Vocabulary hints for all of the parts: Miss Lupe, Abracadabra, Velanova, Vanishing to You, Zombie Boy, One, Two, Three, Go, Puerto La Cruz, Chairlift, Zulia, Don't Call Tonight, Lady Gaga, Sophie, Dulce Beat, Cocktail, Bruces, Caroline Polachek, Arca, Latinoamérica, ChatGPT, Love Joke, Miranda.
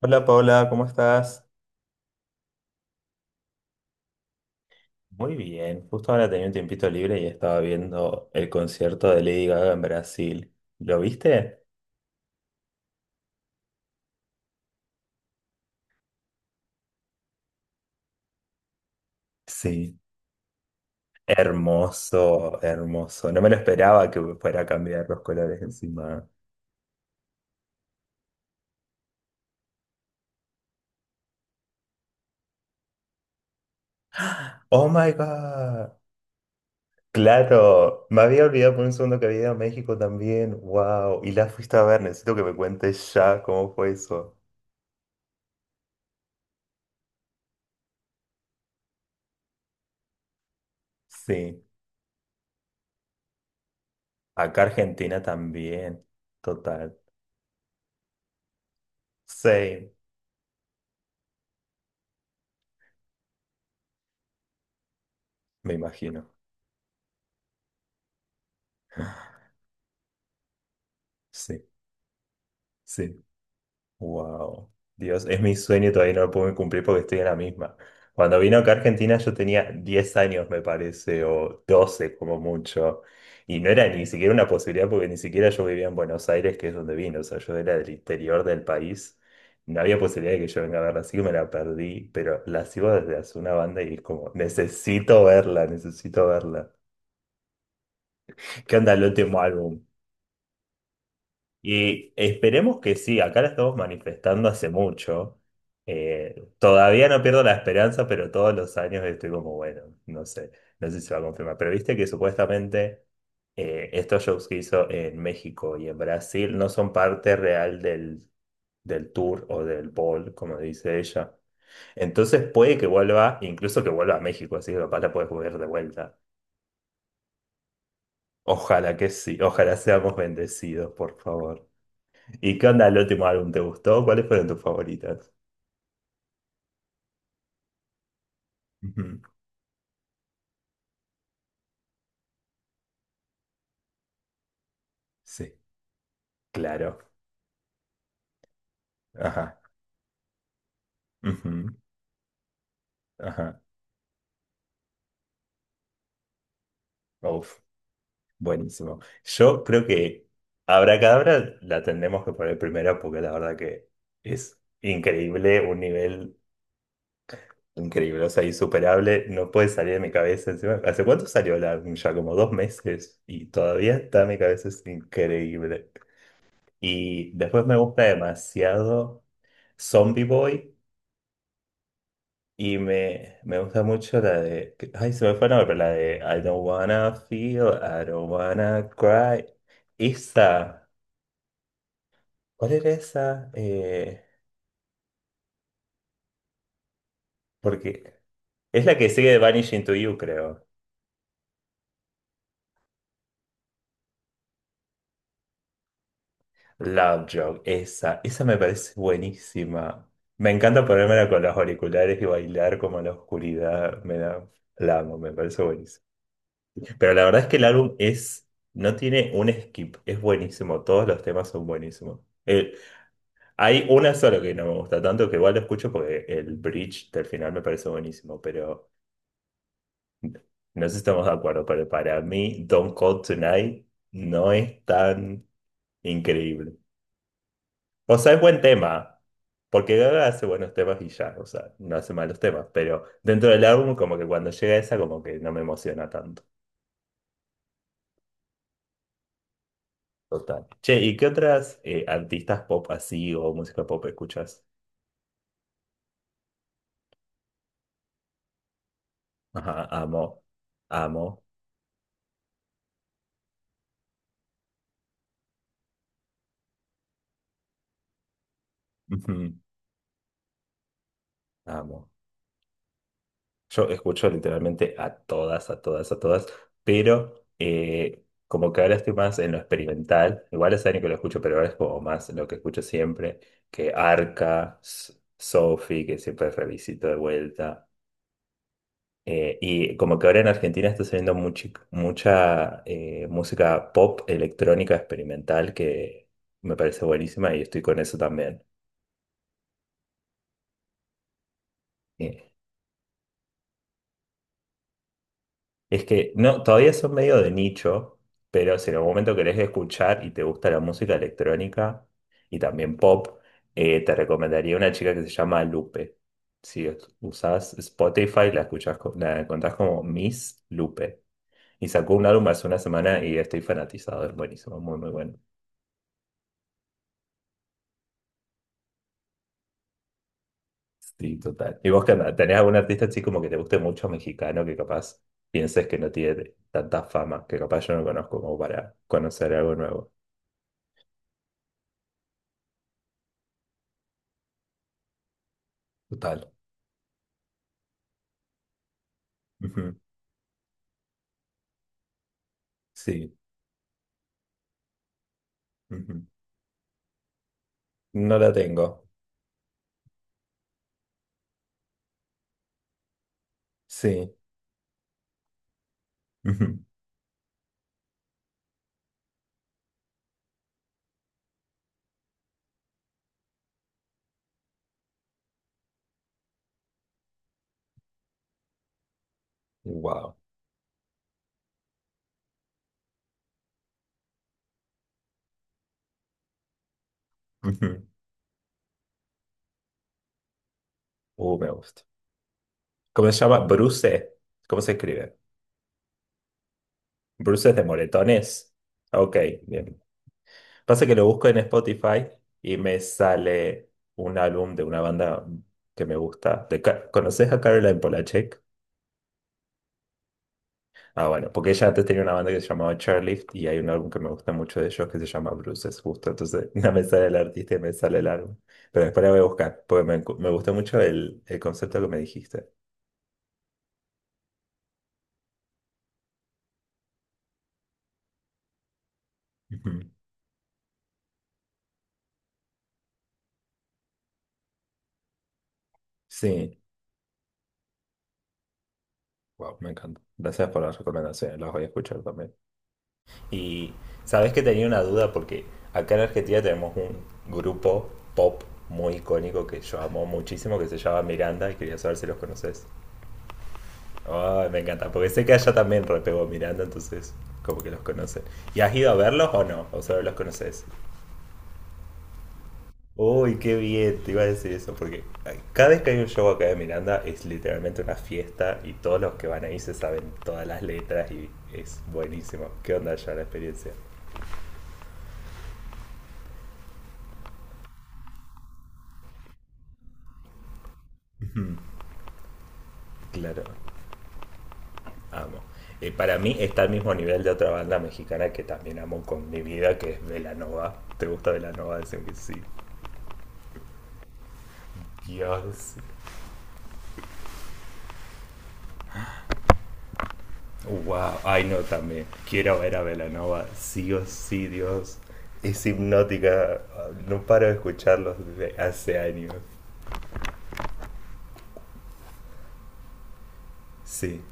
Hola Paola, ¿cómo estás? Muy bien, justo ahora tenía un tiempito libre y estaba viendo el concierto de Lady Gaga en Brasil. ¿Lo viste? Sí. Hermoso, hermoso. No me lo esperaba que fuera a cambiar los colores encima. Oh my God. Claro, me había olvidado por un segundo que había ido a México también. Wow. Y la fuiste a ver, necesito que me cuentes ya cómo fue eso. Sí, acá Argentina también. Total. Sí, me imagino. Sí. Sí. Wow, Dios, es mi sueño y todavía no lo puedo cumplir porque estoy en la misma. Cuando vino acá a Argentina yo tenía 10 años, me parece, o 12 como mucho. Y no era ni siquiera una posibilidad porque ni siquiera yo vivía en Buenos Aires, que es donde vino. O sea, yo era del interior del país. No había posibilidad de que yo venga a verla, así que me la perdí. Pero la sigo desde hace una banda y es como, necesito verla, necesito verla. ¿Qué onda el último álbum? Y esperemos que sí, acá la estamos manifestando hace mucho. Todavía no pierdo la esperanza, pero todos los años estoy como, bueno, no sé, no sé si se va a confirmar. Pero viste que supuestamente estos shows que hizo en México y en Brasil no son parte real del tour o del ball, como dice ella. Entonces puede que vuelva, incluso que vuelva a México, así que capaz la puedes volver de vuelta. Ojalá que sí, ojalá seamos bendecidos, por favor. ¿Y qué onda el último álbum? ¿Te gustó? ¿Cuáles fueron tus favoritas? Ujú, sí, claro. Ajá. Ujú. Ajá. Uf, buenísimo. Yo creo que Abracadabra la tendremos que poner primero porque la verdad que es increíble, un nivel increíble, o sea, insuperable. No puede salir de mi cabeza encima. ¿Hace cuánto salió el álbum? Ya como 2 meses y todavía está en mi cabeza, es increíble. Y después me gusta demasiado Zombie Boy. Y me gusta mucho Ay, se me fue el nombre, pero la de I don't wanna feel, I don't wanna cry. Esa. ¿Cuál era esa? Porque es la que sigue de Vanishing to You, creo. Love Joke, esa. Esa me parece buenísima. Me encanta ponérmela con los auriculares y bailar como en la oscuridad. Me da. La amo, me parece buenísimo. Pero la verdad es que el álbum es. No tiene un skip, es buenísimo. Todos los temas son buenísimos. Hay una sola que no me gusta tanto, que igual lo escucho porque el bridge del final me parece buenísimo, pero no sé si estamos de acuerdo, pero para mí Don't Call Tonight no es tan increíble. O sea, es buen tema, porque Gaga hace buenos temas y ya, o sea, no hace malos temas, pero dentro del álbum como que cuando llega esa como que no me emociona tanto. Total. Che, ¿y qué otras artistas pop así o música pop escuchas? Ajá, amo, amo, ujú, amo. Yo escucho literalmente a todas, a todas, a todas, pero como que ahora estoy más en lo experimental, igual hace años que lo escucho, pero ahora es como más lo que escucho siempre, que Arca, Sophie, que siempre revisito de vuelta, y como que ahora en Argentina está saliendo mucha música pop electrónica experimental que me parece buenísima y estoy con eso también. Eh, Es que no, todavía son medio de nicho, pero si en algún momento querés escuchar y te gusta la música electrónica y también pop, te recomendaría una chica que se llama Lupe. Si usás Spotify, la escuchás, la encontrás como Miss Lupe. Y sacó un álbum hace una semana y estoy fanatizado, es buenísimo, muy, muy bueno. Sí, total. ¿Y vos qué onda? ¿Tenés algún artista así como que te guste mucho mexicano que capaz pienses que no tiene tanta fama, que capaz yo no conozco como para conocer algo nuevo? Total. Sí. Ujú. No la tengo. Sí. Ujú. Wow. Ujú. Me gusta. ¿Cómo se llama? Bruce. ¿Cómo se escribe? Bruce de moretones. Ok, bien. Pasa que lo busco en Spotify y me sale un álbum de una banda que me gusta. De ¿Conoces a Caroline Polachek? Ah, bueno, porque ella antes tenía una banda que se llamaba Chairlift y hay un álbum que me gusta mucho de ellos que se llama Bruces, justo. Entonces, no me sale el artista y me sale el álbum. Pero después la voy a buscar, porque me gustó mucho el concepto que me dijiste. Ujú. Sí, wow, me encanta. Gracias por las recomendaciones, las voy a escuchar también. Y sabes que tenía una duda porque acá en Argentina tenemos un grupo pop muy icónico que yo amo muchísimo que se llama Miranda y quería saber si los conoces. Ay, me encanta, porque sé que allá también repegó Miranda, entonces como que los conocen. ¿Y has ido a verlos o no? ¿O solo los conoces? Uy, qué bien, te iba a decir eso, porque ay, cada vez que hay un show acá de Miranda es literalmente una fiesta y todos los que van ahí se saben todas las letras y es buenísimo. ¿Qué onda ya la experiencia? Mm, claro, amo. Para mí está al mismo nivel de otra banda mexicana que también amo con mi vida, que es Velanova. ¿Te gusta Velanova? Dicen que sí. Dios, wow, ay no, también. Quiero ver a Belanova, sí o sí, Dios. Es hipnótica, no paro de escucharlos desde hace años. Sí,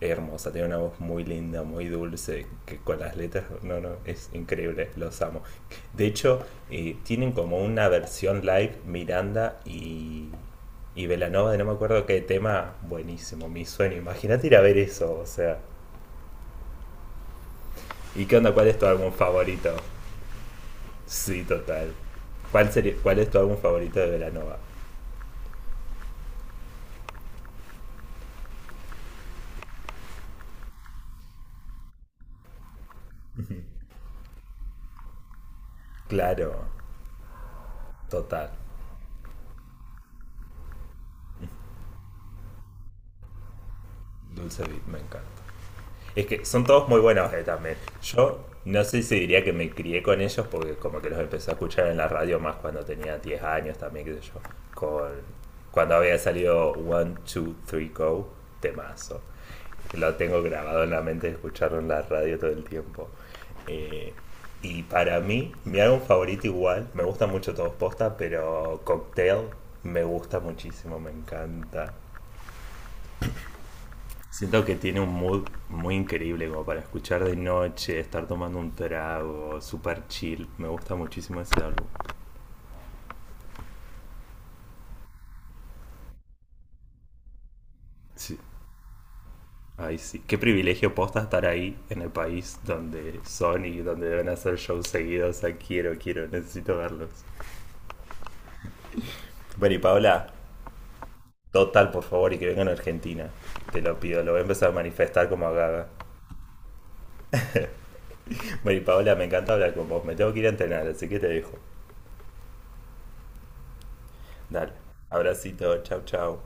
es hermosa, tiene una voz muy linda, muy dulce, que con las letras, no, no, es increíble, los amo. De hecho, tienen como una versión live Miranda y Belanova de no me acuerdo qué tema, buenísimo, mi sueño. Imagínate ir a ver eso, o sea. ¿Y qué onda? ¿Cuál es tu álbum favorito? Sí, total. ¿Cuál es tu álbum favorito de Velanova? Claro, total. Dulce Beat, me encanta. Es que son todos muy buenos también. Yo no sé si diría que me crié con ellos porque como que los empecé a escuchar en la radio más cuando tenía 10 años también, qué sé yo. Con, cuando había salido One, Two, Three, Go, temazo. Lo tengo grabado en la mente, escucharlo en la radio todo el tiempo. Eh, y para mí, mi álbum favorito igual, me gustan mucho todos posta, pero Cocktail me gusta muchísimo, me encanta. Siento que tiene un mood muy increíble como para escuchar de noche, estar tomando un trago, super chill. Me gusta muchísimo ese álbum. Sí. Ay, sí. Qué privilegio posta estar ahí en el país donde son y donde deben hacer shows seguidos. O sea, quiero, quiero, necesito verlos. Bueno, y Paola, total, por favor, y que vengan a Argentina. Te lo pido, lo voy a empezar a manifestar como a Gaga. Bueno, y Paola, me encanta hablar con vos. Me tengo que ir a entrenar, así que te dejo. Dale. Abracito, chau, chau.